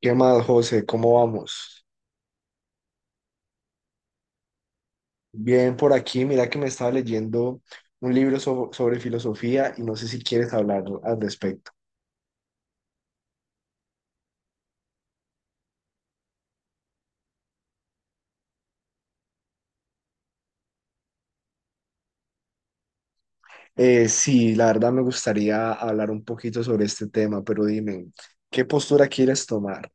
¿Qué más, José? ¿Cómo vamos? Bien por aquí, mira que me estaba leyendo un libro sobre filosofía y no sé si quieres hablar al respecto. Sí, la verdad me gustaría hablar un poquito sobre este tema, pero dime, ¿qué postura quieres tomar?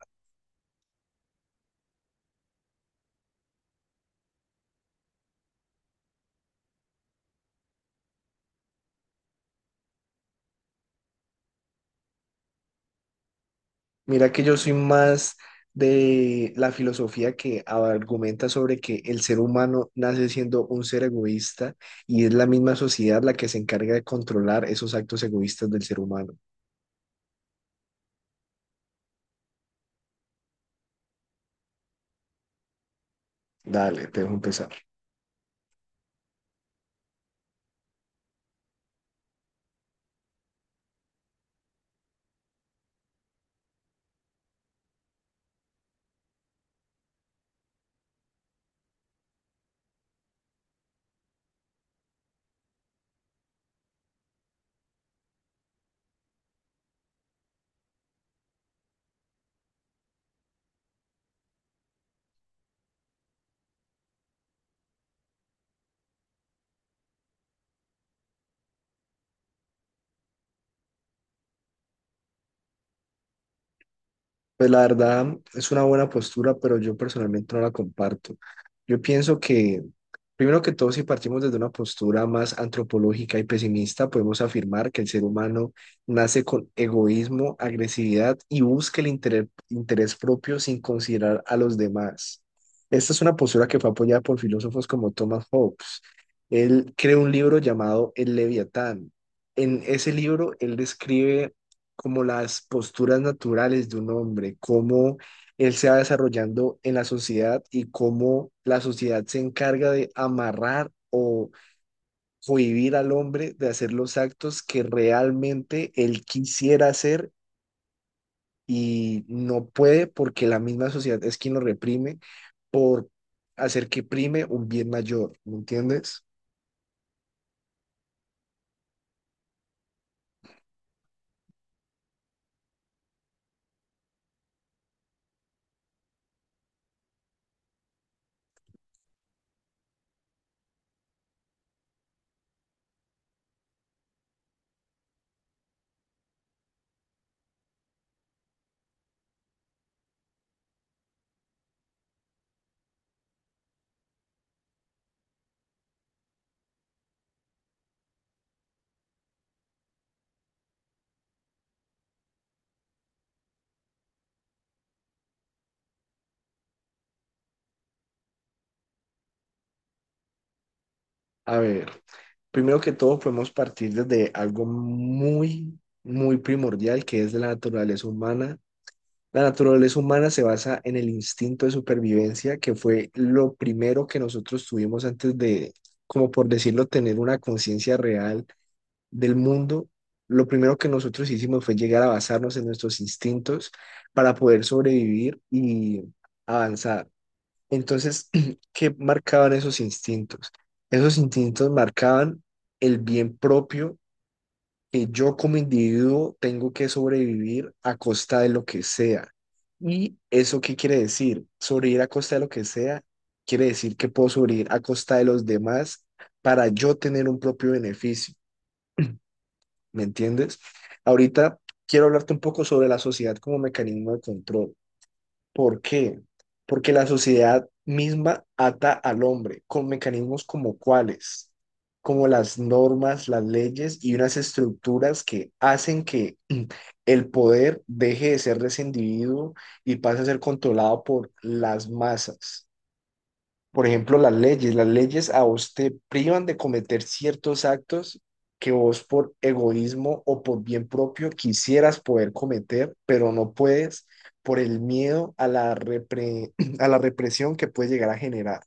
Mira que yo soy más de la filosofía que argumenta sobre que el ser humano nace siendo un ser egoísta y es la misma sociedad la que se encarga de controlar esos actos egoístas del ser humano. Dale, te dejo empezar. Pues la verdad es una buena postura, pero yo personalmente no la comparto. Yo pienso que, primero que todo, si partimos desde una postura más antropológica y pesimista, podemos afirmar que el ser humano nace con egoísmo, agresividad y busca el interés propio sin considerar a los demás. Esta es una postura que fue apoyada por filósofos como Thomas Hobbes. Él creó un libro llamado El Leviatán. En ese libro, él describe como las posturas naturales de un hombre, cómo él se va desarrollando en la sociedad y cómo la sociedad se encarga de amarrar o cohibir al hombre de hacer los actos que realmente él quisiera hacer y no puede porque la misma sociedad es quien lo reprime por hacer que prime un bien mayor, ¿me entiendes? A ver, primero que todo podemos partir desde algo muy, muy primordial que es de la naturaleza humana. La naturaleza humana se basa en el instinto de supervivencia, que fue lo primero que nosotros tuvimos antes de, como por decirlo, tener una conciencia real del mundo. Lo primero que nosotros hicimos fue llegar a basarnos en nuestros instintos para poder sobrevivir y avanzar. Entonces, ¿qué marcaban esos instintos? Esos instintos marcaban el bien propio, que yo como individuo tengo que sobrevivir a costa de lo que sea. ¿Y eso qué quiere decir? Sobrevivir a costa de lo que sea quiere decir que puedo sobrevivir a costa de los demás para yo tener un propio beneficio, ¿me entiendes? Ahorita quiero hablarte un poco sobre la sociedad como mecanismo de control. ¿Por qué? Porque la sociedad misma ata al hombre con mecanismos como cuáles, como las normas, las leyes y unas estructuras que hacen que mm, el poder deje de ser de ese individuo y pase a ser controlado por las masas. Por ejemplo, las leyes. Las leyes a vos te privan de cometer ciertos actos que vos por egoísmo o por bien propio quisieras poder cometer, pero no puedes por el miedo a la repre- a la represión que puede llegar a generar.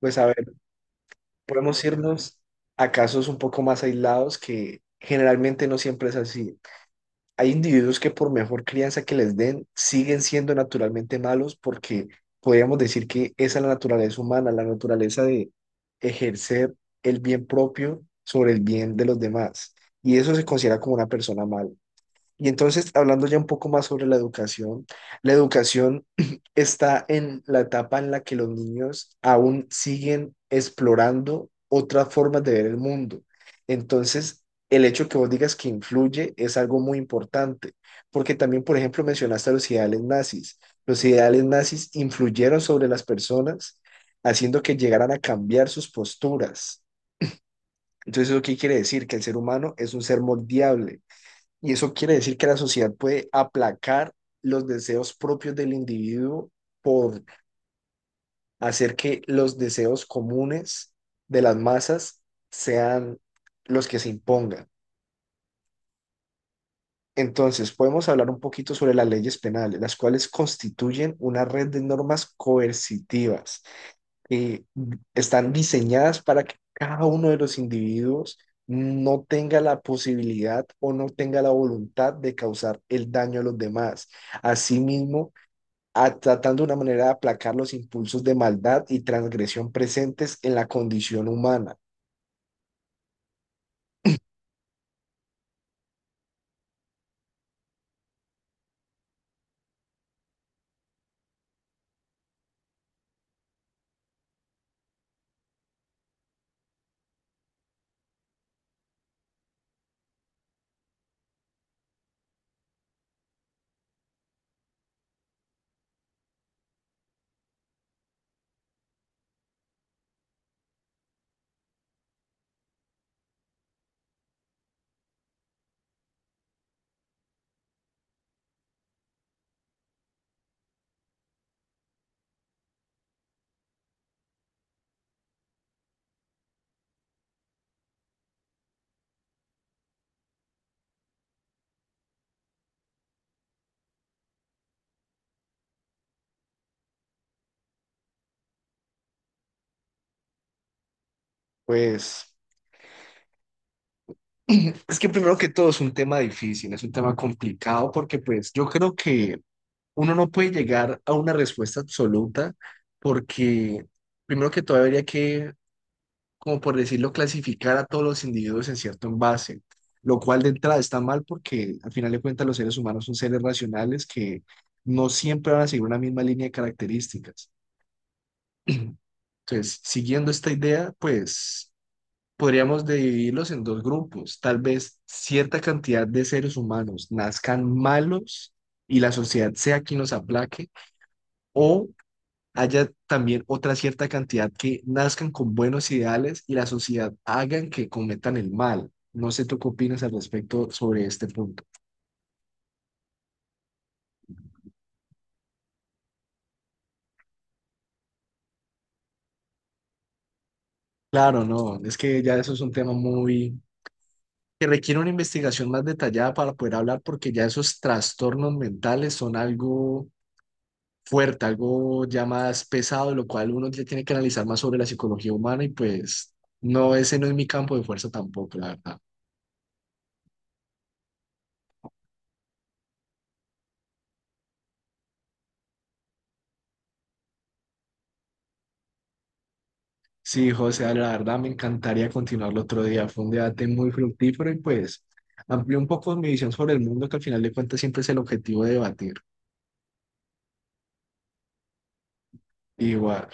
Pues a ver, podemos irnos a casos un poco más aislados que generalmente no siempre es así. Hay individuos que por mejor crianza que les den, siguen siendo naturalmente malos porque podríamos decir que esa es la naturaleza humana, la naturaleza de ejercer el bien propio sobre el bien de los demás. Y eso se considera como una persona mala. Y entonces, hablando ya un poco más sobre la educación está en la etapa en la que los niños aún siguen explorando otras formas de ver el mundo. Entonces, el hecho que vos digas que influye es algo muy importante, porque también, por ejemplo, mencionaste a los ideales nazis. Los ideales nazis influyeron sobre las personas, haciendo que llegaran a cambiar sus posturas. Entonces, ¿eso qué quiere decir? Que el ser humano es un ser moldeable y eso quiere decir que la sociedad puede aplacar los deseos propios del individuo por hacer que los deseos comunes de las masas sean los que se impongan. Entonces, podemos hablar un poquito sobre las leyes penales, las cuales constituyen una red de normas coercitivas, eh, están diseñadas para que cada uno de los individuos no tenga la posibilidad o no tenga la voluntad de causar el daño a los demás. Asimismo, tratando de una manera de aplacar los impulsos de maldad y transgresión presentes en la condición humana. Pues es que primero que todo es un tema difícil, es un tema complicado porque pues yo creo que uno no puede llegar a una respuesta absoluta porque primero que todo habría que, como por decirlo, clasificar a todos los individuos en cierto envase, lo cual de entrada está mal porque al final de cuentas los seres humanos son seres racionales que no siempre van a seguir una misma línea de características. Entonces, siguiendo esta idea, pues podríamos dividirlos en dos grupos. Tal vez cierta cantidad de seres humanos nazcan malos y la sociedad sea quien los aplaque, o haya también otra cierta cantidad que nazcan con buenos ideales y la sociedad hagan que cometan el mal. No sé tú qué opinas al respecto sobre este punto. Claro, no, es que ya eso es un tema muy que requiere una investigación más detallada para poder hablar porque ya esos trastornos mentales son algo fuerte, algo ya más pesado, lo cual uno ya tiene que analizar más sobre la psicología humana y pues no, ese no es mi campo de fuerza tampoco, la verdad. Sí, José, la verdad me encantaría continuar el otro día. Fue un debate muy fructífero y pues amplió un poco mi visión sobre el mundo, que al final de cuentas siempre es el objetivo de debatir. Igual.